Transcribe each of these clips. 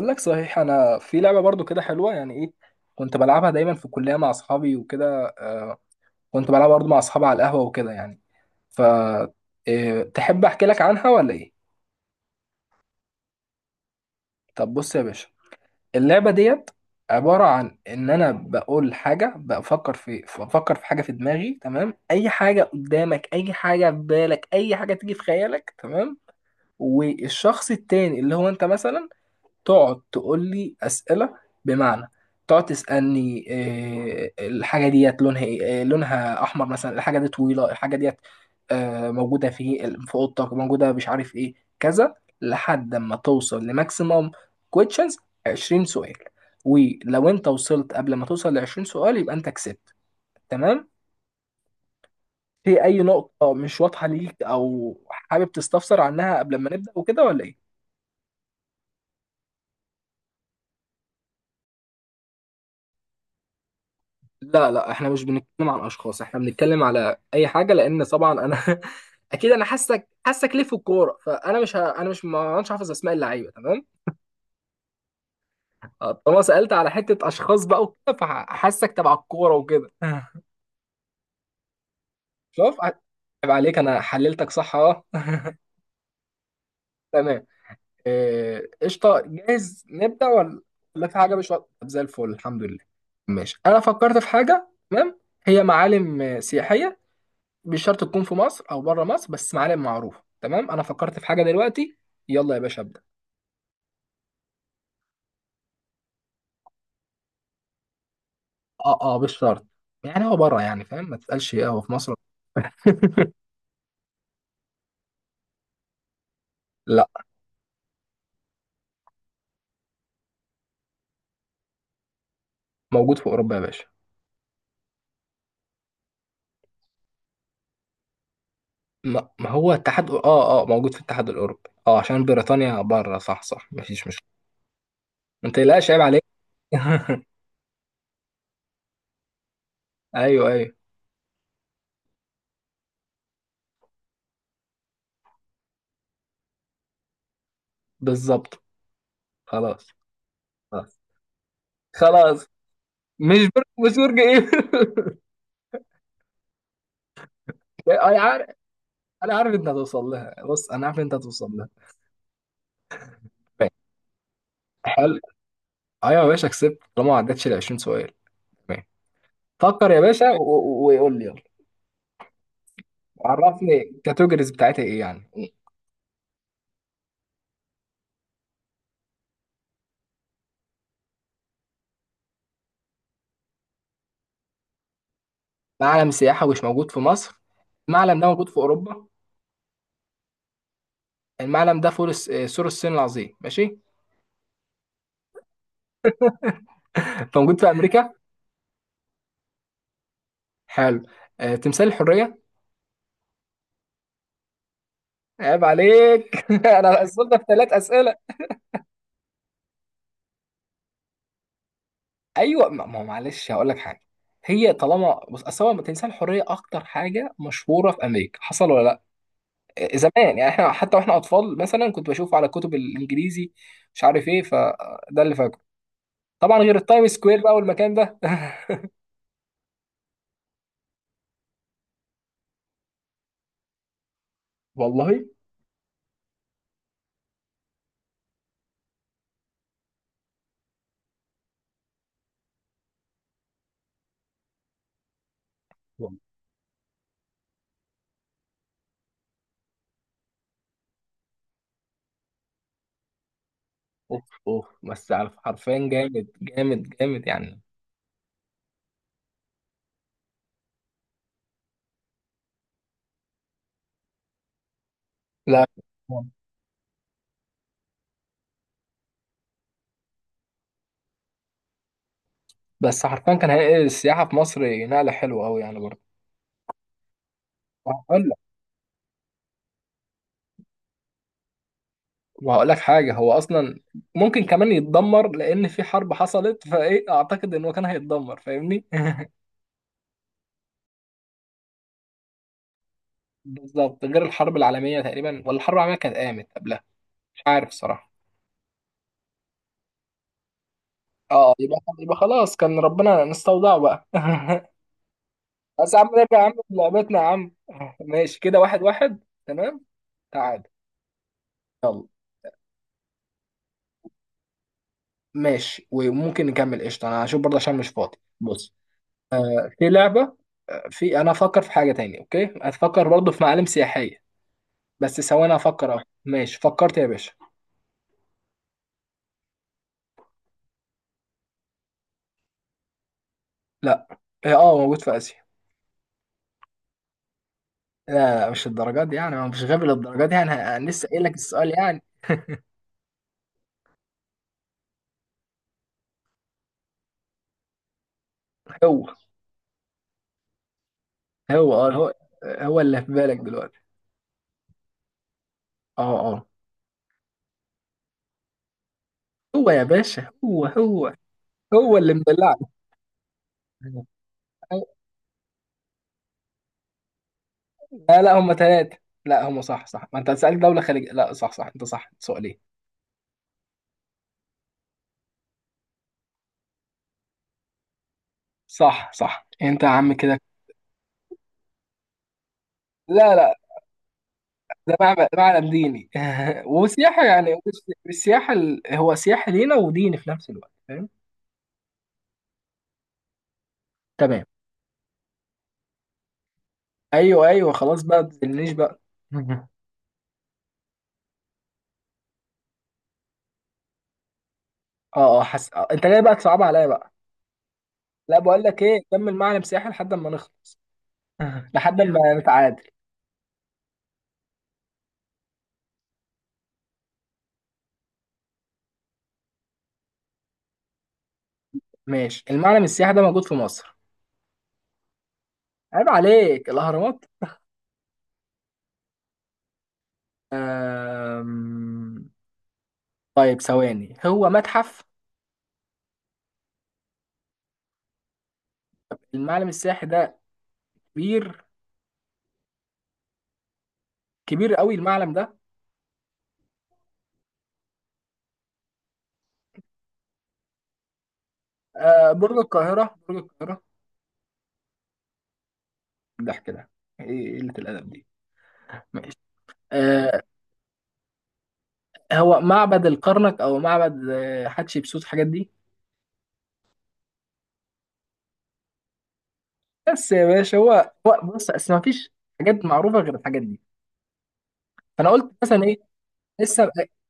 اقول لك صحيح. انا في لعبه برضو كده حلوه، يعني ايه؟ كنت بلعبها دايما في الكليه مع اصحابي وكده. آه، كنت بلعبها برضو مع اصحابي على القهوه وكده يعني. ف تحب احكي لك عنها ولا ايه؟ طب بص يا باشا، اللعبه ديت عباره عن ان انا بقول حاجه، بفكر في حاجه في دماغي، تمام؟ اي حاجه قدامك، اي حاجه في بالك، اي حاجه تيجي في خيالك، تمام. والشخص التاني اللي هو انت مثلا تقعد تقول لي اسئله. بمعنى تقعد تسالني الحاجه ديت لونها ايه، لونها احمر مثلا، الحاجه دي طويله، الحاجه ديت موجوده في اوضتك، موجوده مش عارف ايه، كذا، لحد ما توصل لماكسيموم كويشنز، 20 سؤال. ولو انت وصلت قبل ما توصل ل 20 سؤال، يبقى انت كسبت، تمام؟ في اي نقطه مش واضحه ليك او حابب تستفسر عنها قبل ما نبدا وكده ولا ايه؟ لا، احنا مش بنتكلم عن اشخاص، احنا بنتكلم على اي حاجه، لان طبعا انا اكيد انا حاسك ليه في الكوره، فانا مش ه... انا مش ما مش حافظ اسماء اللعيبه، تمام. آه، طالما سالت على حته اشخاص بقى وكده، فحاسك تبع الكوره وكده. شوف ع- عيب عليك، انا حللتك صح، اه. تمام. قشطه، جاهز نبدا ولا ولا في حاجه مش واضحة؟ طب زي الفل، الحمد لله. ماشي، انا فكرت في حاجه، تمام؟ هي معالم سياحيه، مش شرط تكون في مصر او بره مصر، بس معالم معروفه. تمام، انا فكرت في حاجه دلوقتي، يلا يا باشا ابدا. اه اه، مش شرط. يعني هو بره يعني، فاهم؟ ما تسالش ايه هو في مصر. لا. موجود في اوروبا يا باشا. ما هو الاتحاد، اه اه، موجود في الاتحاد الاوروبي، اه، عشان بريطانيا بره، صح صح، مفيش مشكله. ما تقلقش، عيب عليك. ايوه ايوه. بالظبط. خلاص. خلاص. خلاص. مش برج ايه. انا عارف. انا عارف انت هتوصل لها، بص انا عارف انت هتوصل لها. حلو. ايوه يا باشا كسبت، طالما ما عدتش ال 20 سؤال، تمام. فكر يا باشا وقول لي، يلا. عرفني الكاتيجوريز بتاعتها ايه يعني. معلم سياحة مش موجود في مصر. المعلم ده موجود في اوروبا. المعلم ده فول الس- آه، سور الصين العظيم، ماشي. فموجود في امريكا. حلو. آه، تمثال الحرية. عيب عليك. انا اصلت في ثلاث اسئلة. ايوه، ما هو معلش هقول لك حاجة. هي طالما، بص، اصل هو تمثال الحرية اكتر حاجة مشهورة في امريكا، حصل ولا لا؟ زمان يعني، احنا حتى واحنا اطفال مثلا كنت بشوفه على كتب الانجليزي، مش عارف ايه، فده اللي فاكره. طبعا غير التايم سكوير بقى والمكان ده. والله. والله. اوف اوف، بس على حرفيا جامد جامد جامد يعني. لا، بس حرفيا كان هينقل السياحة في مصر نقلة حلوة أوي يعني برضه. وهقول لك، وهقول لك حاجة. هو أصلا ممكن كمان يتدمر، لأن في حرب حصلت، فإيه، أعتقد إن هو كان هيتدمر فاهمني. بالظبط، غير الحرب العالمية تقريبا، ولا الحرب العالمية كانت قامت قبلها؟ مش عارف الصراحة. اه، يبقى خلاص، كان ربنا نستودعه بقى. بس يا عم نرجع يا عم لعبتنا يا عم. ماشي، كده واحد واحد، تمام. تعال. يلا. ماشي، وممكن نكمل، قشطة. انا هشوف برضه عشان مش فاضي، بص. في لعبة، انا افكر في حاجة تاني، اوكي؟ هتفكر برضه في معالم سياحية. بس ثواني افكر، اهو، ماشي فكرت يا باشا. لا. اه، موجود في اسيا. لا لا، مش الدرجات دي يعني، هو مش غبي للدرجات دي يعني، أنا لسه قايل لك السؤال يعني. هو هو. هو اللي في بالك دلوقتي. اه اه. هو يا باشا، هو. هو اللي مدلعك. آه، لا لا، هم ثلاثة. لا، هم صح صح، ما انت هتسألك دولة خليجية، لا صح صح، انت صح، سؤالين. صح صح، انت يا عم كده. لا، ده معبد، معلم ديني. وسياحة يعني، هو سياحة لينا وديني في نفس الوقت، فاهم. تمام. ايوه ايوه، خلاص بقى، ما تزنيش بقى. مهم. اه اه، آه، انت جاي بقى تصعب عليا بقى. لا، بقول لك ايه، كمل معلم سياحي لحد ما نخلص. لحد ما نتعادل. ماشي، المعلم السياحي ده موجود في مصر. عيب عليك، الأهرامات. أم... طيب ثواني، هو متحف؟ المعلم السياحي ده كبير، كبير قوي المعلم ده. أه، برج القاهرة. ده كده، ايه قلة الأدب دي؟ ماشي. أه، هو معبد الكرنك، أو معبد حتشبسوت، الحاجات دي. بس يا باشا، هو، هو بص أصل ما فيش حاجات معروفة غير الحاجات دي، فأنا قلت مثلا إيه. لسه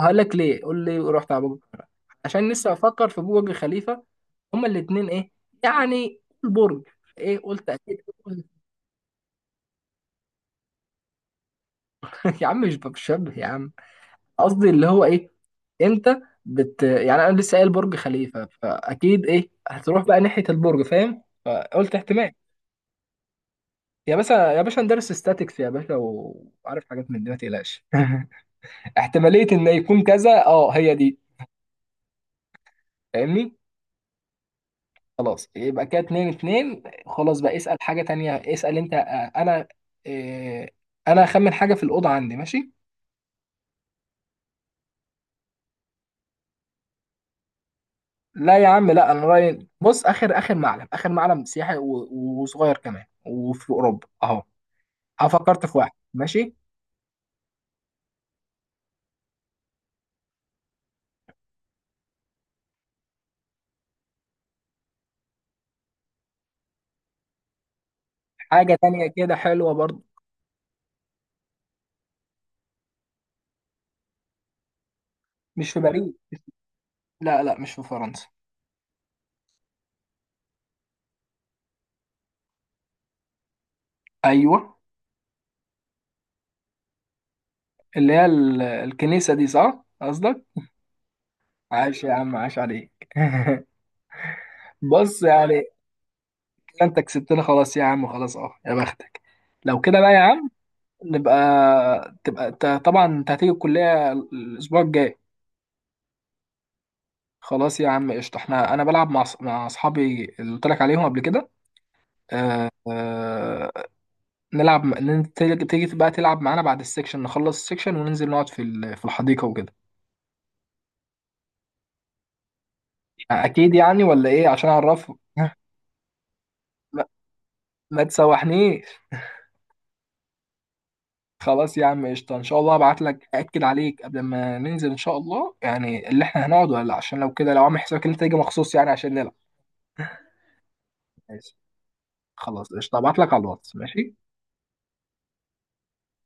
هقول لك ليه قول لي رحت على برج القاهرة، عشان لسه بفكر في برج خليفة. هما الاثنين ايه يعني، البرج ايه، قلت اكيد. يا عم مش بشبه يا عم، قصدي اللي هو ايه، انت يعني انا لسه قايل برج خليفه، فاكيد ايه هتروح بقى ناحيه البرج، فاهم؟ فقلت احتمال. يا باشا يا باشا، ندرس ستاتكس يا باشا وعارف حاجات من دي، ما تقلقش. احتماليه ان يكون كذا، اه هي دي، فاهمني. خلاص، يبقى كده اتنين اتنين، خلاص بقى اسال حاجه تانية، اسال انت. آه، انا هخمن حاجه في الاوضه عندي، ماشي. لا يا عم، لا، انا رايي بص، اخر معلم سياحي وصغير كمان، وفي اوروبا اهو. أنا فكرت في واحد، ماشي. حاجه تانية كده حلوه برضو. مش في باريس. لا لا، مش في فرنسا. ايوه. اللي هي الكنيسه دي، صح قصدك؟ عاش يا عم، عاش عليك. بص يعني، كده انت كسبتنا، خلاص يا عم، خلاص، اه يا بختك. لو كده بقى يا عم، نبقى، طبعا انت هتيجي الكليه الاسبوع الجاي. خلاص يا عم قشطة، احنا انا بلعب مع مع اصحابي اللي قلت لك عليهم قبل كده. آه آه. نلعب، تيجي بقى تلعب معانا بعد السكشن، نخلص السكشن وننزل نقعد في في الحديقة وكده. آه، اكيد يعني، ولا ايه؟ عشان اعرف. ما, ما تسوحنيش. خلاص يا عم قشطة، ان شاء الله ابعت لك اكد عليك قبل ما ننزل ان شاء الله، يعني اللي احنا هنقعد ولا لا، عشان لو كده لو عامل حسابك ان انت تيجي مخصوص يعني عشان نلعب. ماشي، خلاص قشطة، ابعت لك على الواتس، ماشي.